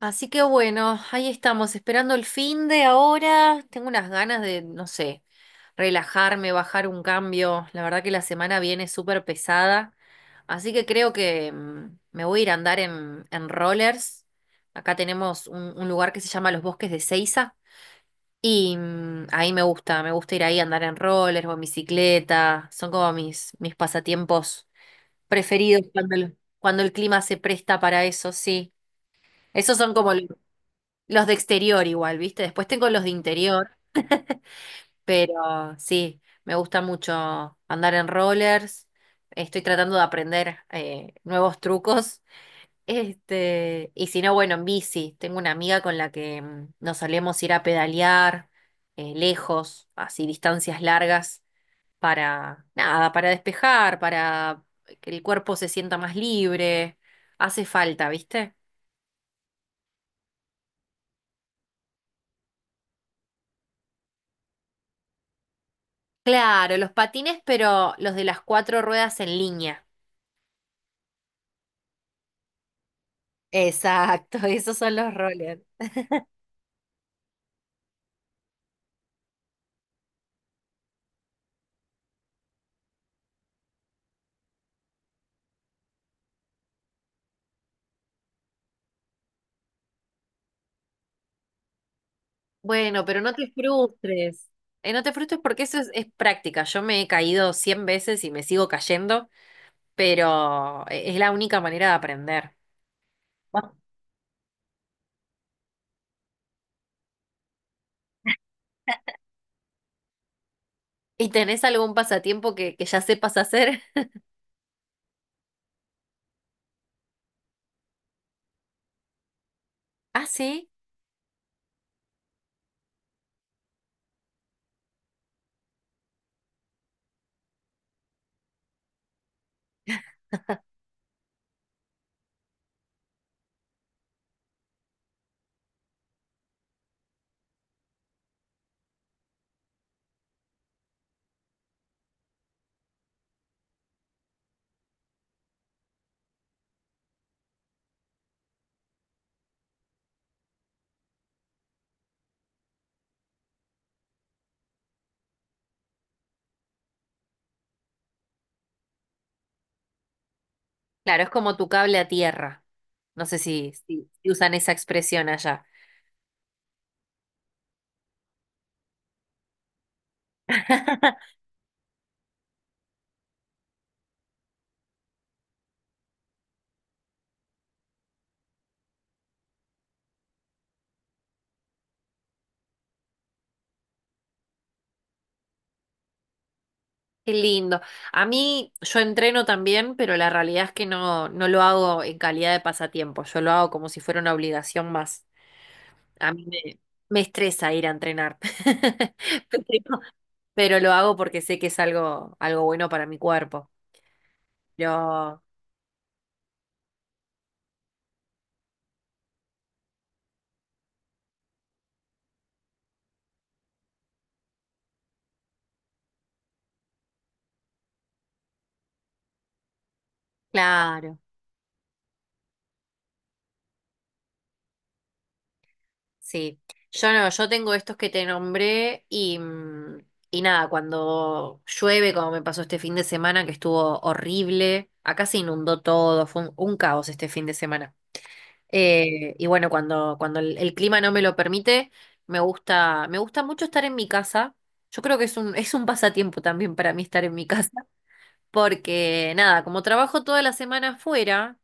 Así que bueno, ahí estamos, esperando el fin de ahora. Tengo unas ganas de, no sé, relajarme, bajar un cambio. La verdad que la semana viene súper pesada. Así que creo que me voy a ir a andar en rollers. Acá tenemos un lugar que se llama Los Bosques de Ceiza. Y ahí me gusta ir ahí a andar en rollers o en bicicleta. Son como mis pasatiempos preferidos cuando cuando el clima se presta para eso, sí. Esos son como los de exterior igual, ¿viste? Después tengo los de interior, pero sí, me gusta mucho andar en rollers. Estoy tratando de aprender nuevos trucos. Este, y si no, bueno, en bici. Tengo una amiga con la que nos solemos ir a pedalear lejos, así distancias largas, para nada, para despejar, para que el cuerpo se sienta más libre. Hace falta, ¿viste? Claro, los patines, pero los de las cuatro ruedas en línea. Exacto, esos son los rollers. Bueno, pero no te frustres. No te frustres porque eso es práctica. Yo me he caído 100 veces y me sigo cayendo, pero es la única manera de aprender. Ah. ¿Y tenés algún pasatiempo que ya sepas hacer? Ah, sí. Claro, es como tu cable a tierra. No sé si usan esa expresión allá. Qué lindo. A mí, yo entreno también, pero la realidad es que no, no lo hago en calidad de pasatiempo. Yo lo hago como si fuera una obligación más. A mí me, me estresa ir a entrenar, pero, pero lo hago porque sé que es algo, algo bueno para mi cuerpo. Yo, claro, sí. Yo no, yo tengo estos que te nombré y nada, cuando llueve, como me pasó este fin de semana, que estuvo horrible, acá se inundó todo, fue un caos este fin de semana. Y bueno, cuando, el clima no me lo permite, me gusta mucho estar en mi casa. Yo creo que es un, es un pasatiempo también para mí estar en mi casa, porque nada, como trabajo toda la semana afuera,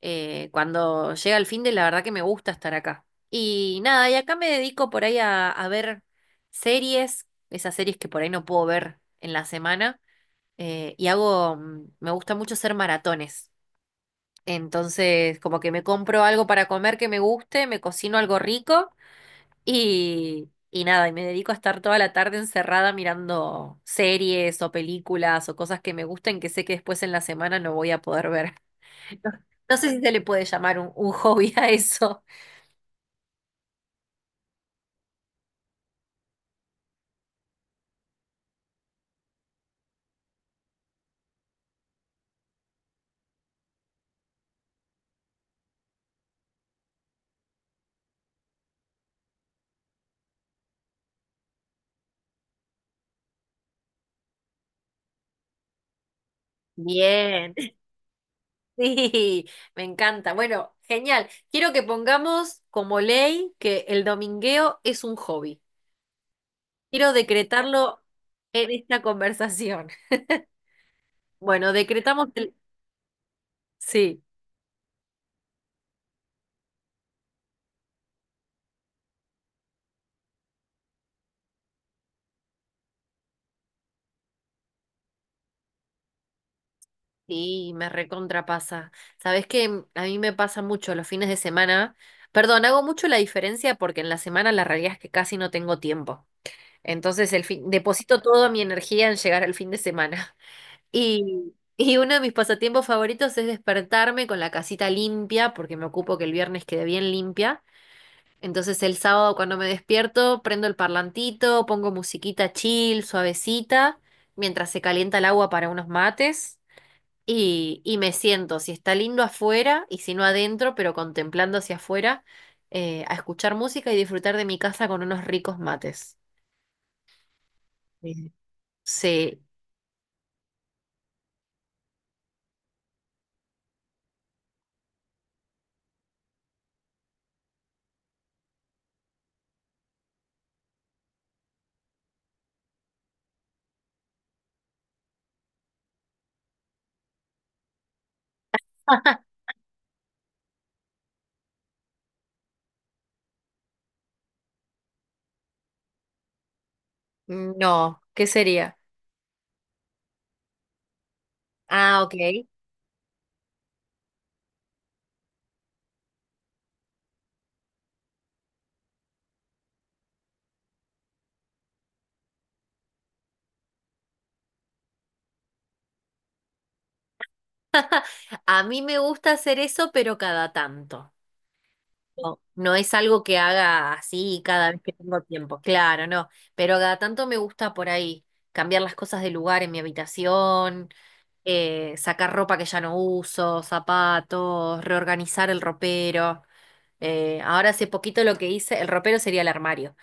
cuando llega el fin de, la verdad que me gusta estar acá. Y nada, y acá me dedico por ahí a ver series, esas series que por ahí no puedo ver en la semana, me gusta mucho hacer maratones. Entonces, como que me compro algo para comer que me guste, me cocino algo rico y nada, y me dedico a estar toda la tarde encerrada mirando series o películas o cosas que me gusten que sé que después en la semana no voy a poder ver. No, no sé si se le puede llamar un hobby a eso. Bien, sí, me encanta. Bueno, genial. Quiero que pongamos como ley que el domingueo es un hobby. Quiero decretarlo en esta conversación. Bueno, decretamos el Sí, sí, me recontrapasa. Sabes que a mí me pasa mucho los fines de semana. Perdón, hago mucho la diferencia porque en la semana la realidad es que casi no tengo tiempo. Entonces el fin, deposito toda mi energía en llegar al fin de semana. Y, y uno de mis pasatiempos favoritos es despertarme con la casita limpia, porque me ocupo que el viernes quede bien limpia. Entonces el sábado cuando me despierto, prendo el parlantito, pongo musiquita chill, suavecita, mientras se calienta el agua para unos mates. Y me siento, si está lindo afuera y si no adentro, pero contemplando hacia afuera, a escuchar música y disfrutar de mi casa con unos ricos mates. Sí. Sí, no, ¿qué sería? Ah, ok. A mí me gusta hacer eso, pero cada tanto. No, no es algo que haga así cada vez que tengo tiempo, claro, no, pero cada tanto me gusta por ahí cambiar las cosas de lugar en mi habitación, sacar ropa que ya no uso, zapatos, reorganizar el ropero. Ahora hace poquito lo que hice, el ropero sería el armario.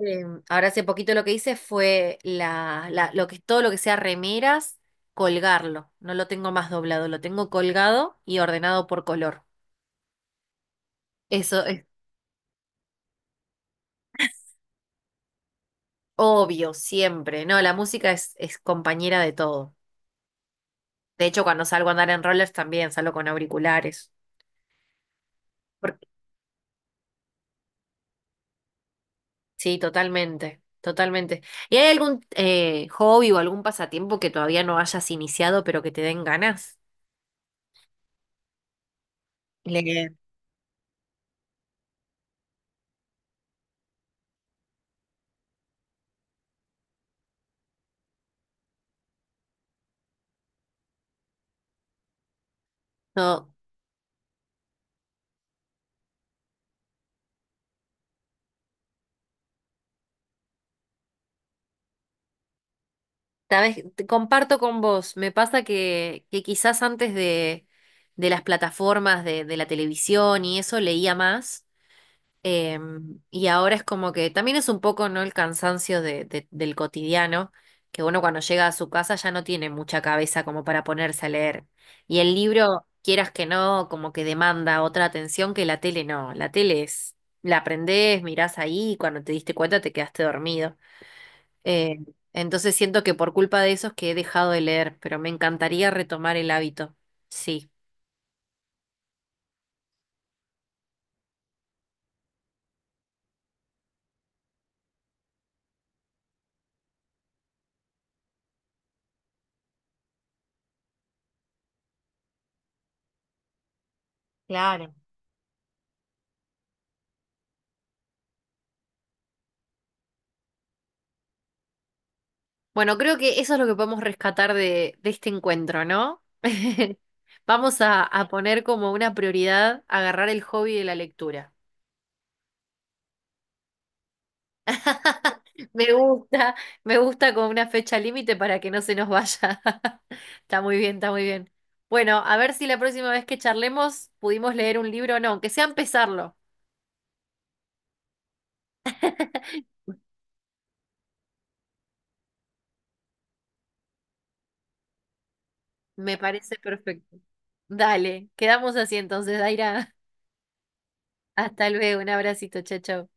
Eh, ahora hace poquito lo que hice fue lo que, todo lo que sea remeras, colgarlo. No lo tengo más doblado, lo tengo colgado y ordenado por color. Eso Obvio, siempre. No, la música es compañera de todo. De hecho, cuando salgo a andar en rollers también salgo con auriculares. Porque- sí, totalmente, totalmente. ¿Y hay algún hobby o algún pasatiempo que todavía no hayas iniciado pero que te den ganas? Leer. No, sabes, te comparto con vos. Me pasa que quizás antes de las plataformas de la televisión y eso leía más. Y ahora es como que también es un poco, ¿no? El cansancio del cotidiano, que uno cuando llega a su casa ya no tiene mucha cabeza como para ponerse a leer. Y el libro, quieras que no, como que demanda otra atención que la tele no. La tele es, la aprendés, mirás ahí y cuando te diste cuenta te quedaste dormido. Eh, entonces siento que por culpa de eso es que he dejado de leer, pero me encantaría retomar el hábito. Sí. Claro. Bueno, creo que eso es lo que podemos rescatar de este encuentro, ¿no? Vamos a poner como una prioridad agarrar el hobby de la lectura. Me gusta, me gusta con una fecha límite para que no se nos vaya. Está muy bien, está muy bien. Bueno, a ver si la próxima vez que charlemos pudimos leer un libro o no, aunque sea empezarlo. Me parece perfecto. Dale, quedamos así entonces, Daira. Hasta luego, un abracito, chao, chao.